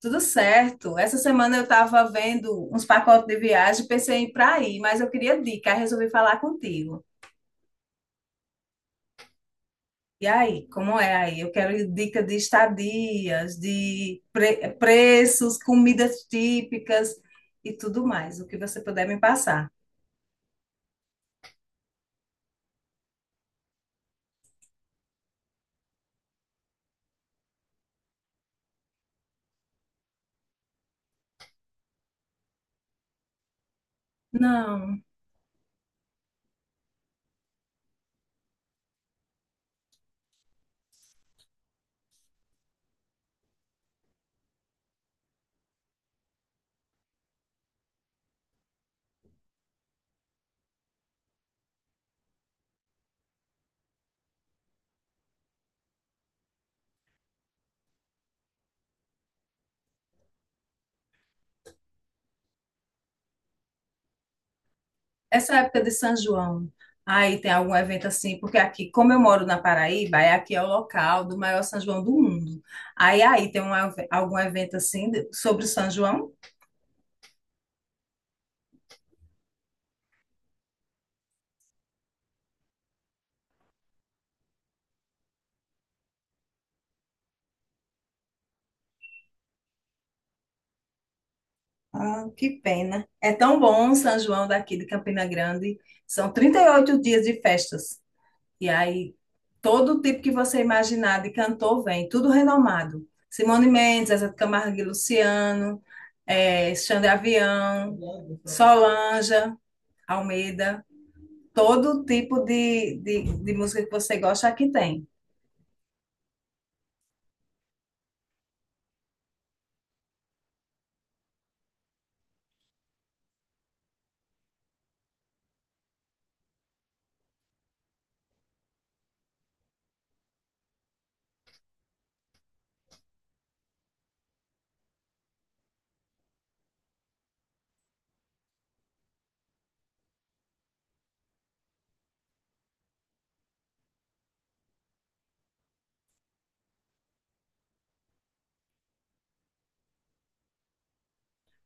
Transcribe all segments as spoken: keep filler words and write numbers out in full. Tudo certo. Essa semana eu estava vendo uns pacotes de viagem, pensei em ir para aí, mas eu queria dica, aí resolvi falar contigo. E aí, como é aí? Eu quero dica de estadias, de pre- preços, comidas típicas e tudo mais, o que você puder me passar. Não, essa época de São João, aí tem algum evento assim, porque aqui, como eu moro na Paraíba, é aqui é o local do maior São João do mundo. Aí aí tem um, eve- algum evento assim de- sobre o São João? Ah, que pena. É tão bom o São João daqui de Campina Grande. São trinta e oito dias de festas. E aí, todo tipo que você imaginar de cantor vem, tudo renomado. Simone Mendes, Zezé de Camargo e Luciano, eh, Xande Avião, Solange, Almeida. Todo tipo de, de, de música que você gosta aqui tem.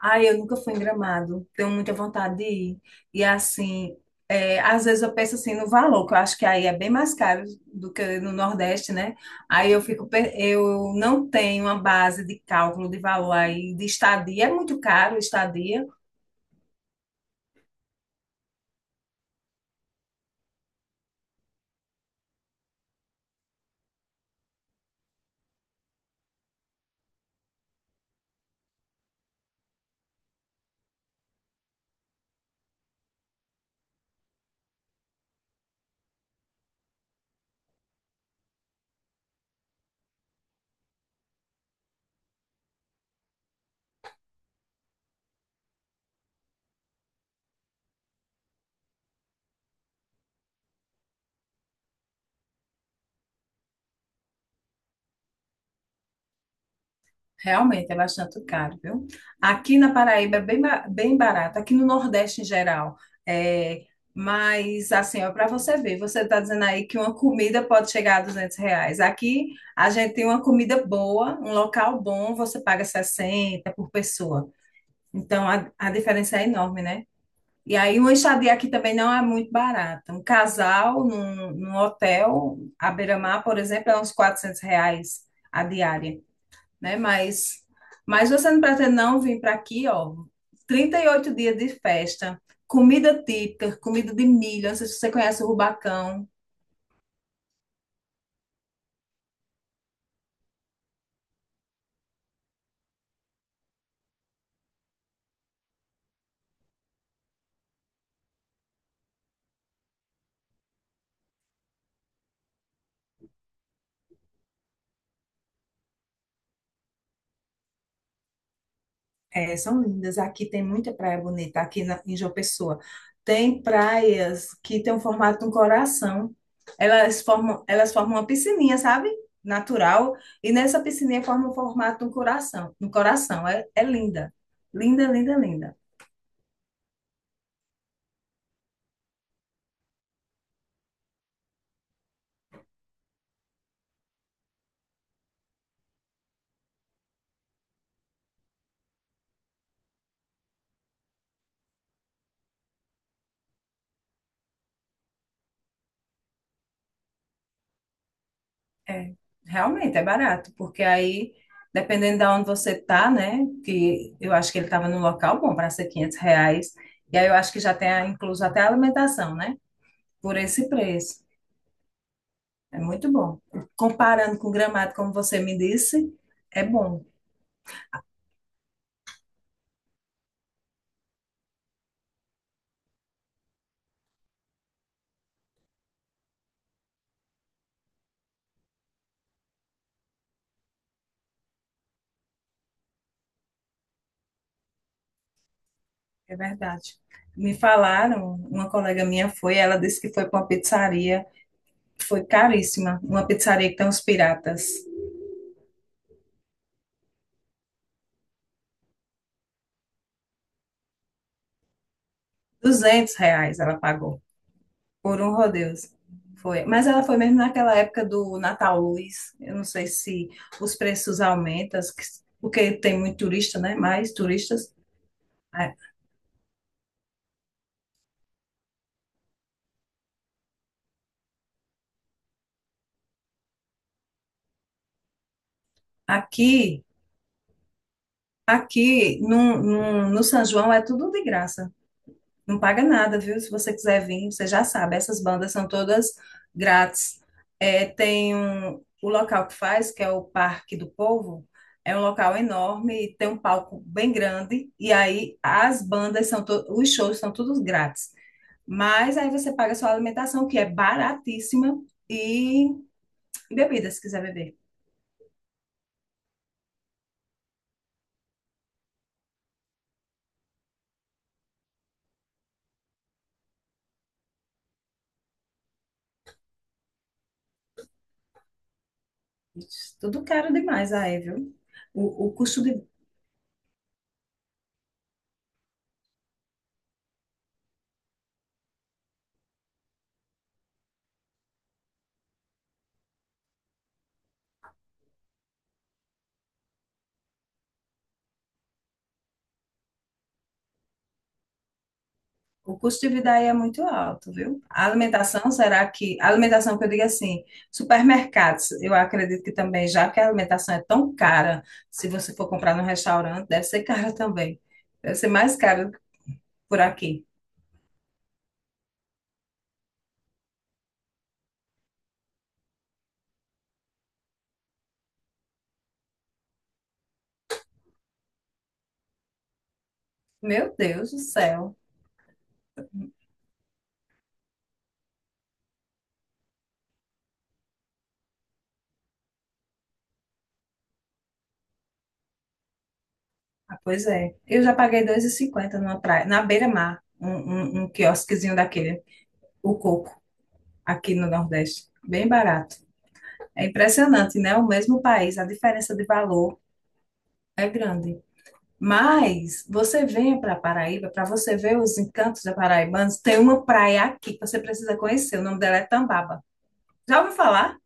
Ai, eu nunca fui em Gramado. Tenho muita vontade de ir. E assim, é, às vezes eu penso assim no valor, que eu acho que aí é bem mais caro do que no Nordeste, né? Aí eu fico, pe- eu não tenho uma base de cálculo de valor aí de estadia, é muito caro estadia. Realmente é bastante caro, viu? Aqui na Paraíba é bem, ba- bem barato, aqui no Nordeste em geral. É, mas, assim, ó, para você ver, você está dizendo aí que uma comida pode chegar a duzentos reais. Aqui a gente tem uma comida boa, um local bom, você paga sessenta por pessoa. Então a, a diferença é enorme, né? E aí uma estadia aqui também não é muito barata. Um casal num, num hotel à beira-mar, por exemplo, é uns quatrocentos reais a diária né? Mas, mas você não pretende não vir para aqui, ó, trinta e oito dias de festa, comida típica, comida de milho, não sei se você conhece o Rubacão. É, são lindas. Aqui tem muita praia bonita, aqui na, em João Pessoa. Tem praias que tem o formato de um coração. Elas formam, elas formam uma piscininha, sabe? Natural. E nessa piscininha forma o formato de um coração. Um coração. É, é linda. Linda, linda, linda. É, realmente é barato, porque aí, dependendo de onde você tá, né? Que eu acho que ele estava num local bom para ser quinhentos reais. E aí eu acho que já tem a- incluso até a alimentação, né? Por esse preço. É muito bom. Comparando com Gramado, como você me disse, é bom, é verdade. Me falaram, uma colega minha foi, ela disse que foi para uma pizzaria, foi caríssima, uma pizzaria que tem uns piratas. Duzentos reais ela pagou. Por um Rodeos. Foi. Mas ela foi mesmo naquela época do Natal Luz. Eu não sei se os preços aumentam, que- porque tem muito turista, né? Mais turistas. A- Aqui, aqui no, no, no São João é tudo de graça. Não paga nada, viu? Se você quiser vir, você já sabe. Essas bandas são todas grátis. É, tem um, o local que faz, que é o Parque do Povo, é um local enorme e tem um palco bem grande. E aí as bandas são to- os shows são todos grátis. Mas aí você paga sua alimentação, que é baratíssima, e, bebidas, se quiser beber. Ixi, tudo caro demais aí, viu? O, o custo de. O custo de vida aí é muito alto, viu? A alimentação, será que. A alimentação que eu digo assim, supermercados, eu acredito que também, já que a alimentação é tão cara, se você for comprar num restaurante, deve ser cara também. Deve ser mais caro que por aqui. Meu Deus do céu. Ah, pois é. Eu já paguei dois e cinquenta numa praia, na beira-mar, um, um, um quiosquezinho daquele, o coco, aqui no Nordeste. Bem barato. É impressionante, né? O mesmo país, a diferença de valor é grande. Mas você vem para Paraíba, para você ver os encantos da paraibanos, tem uma praia aqui que você precisa conhecer. O nome dela é Tambaba. Já ouviu falar?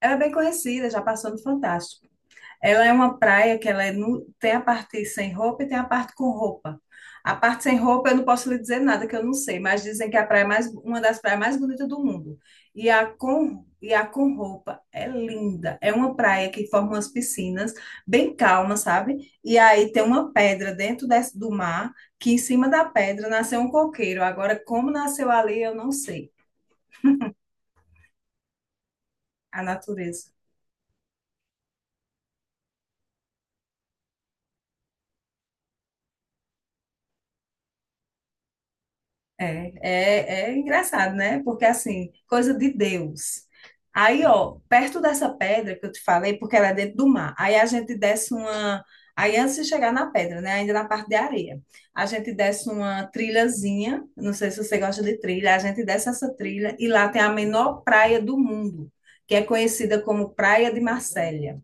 Ela é bem conhecida, já passou no Fantástico. Ela é uma praia que ela é nu- tem a parte sem roupa e tem a parte com roupa. A parte sem roupa eu não posso lhe dizer nada que eu não sei, mas dizem que é a praia mais uma das praias mais bonitas do mundo. E a com e a com roupa é linda. É uma praia que forma umas piscinas bem calmas, sabe? E aí tem uma pedra dentro desse- do mar que em cima da pedra nasceu um coqueiro. Agora como nasceu ali eu não sei. A natureza. É, é, é engraçado, né? Porque assim, coisa de Deus. Aí, ó, perto dessa pedra que eu te falei, porque ela é dentro do mar. Aí a gente desce uma. Aí antes de chegar na pedra, né? Ainda na parte de areia. A gente desce uma trilhazinha. Não sei se você gosta de trilha. A gente desce essa trilha e lá tem a menor praia do mundo, que é conhecida como Praia de Marsella.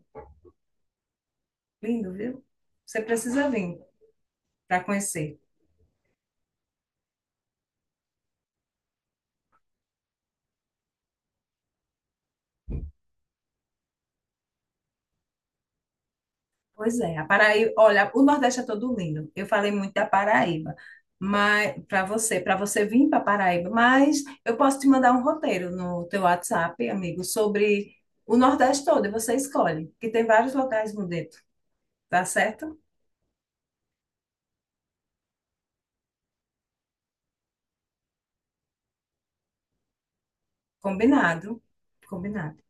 Lindo, viu? Você precisa vir para conhecer. Pois é, a Paraíba, olha, o Nordeste é todo lindo. Eu falei muito da Paraíba, mas para você, para você vir para Paraíba, mas eu posso te mandar um roteiro no teu WhatsApp, amigo, sobre o Nordeste todo, e você escolhe, que tem vários locais bonito, tá certo? Combinado. Combinado.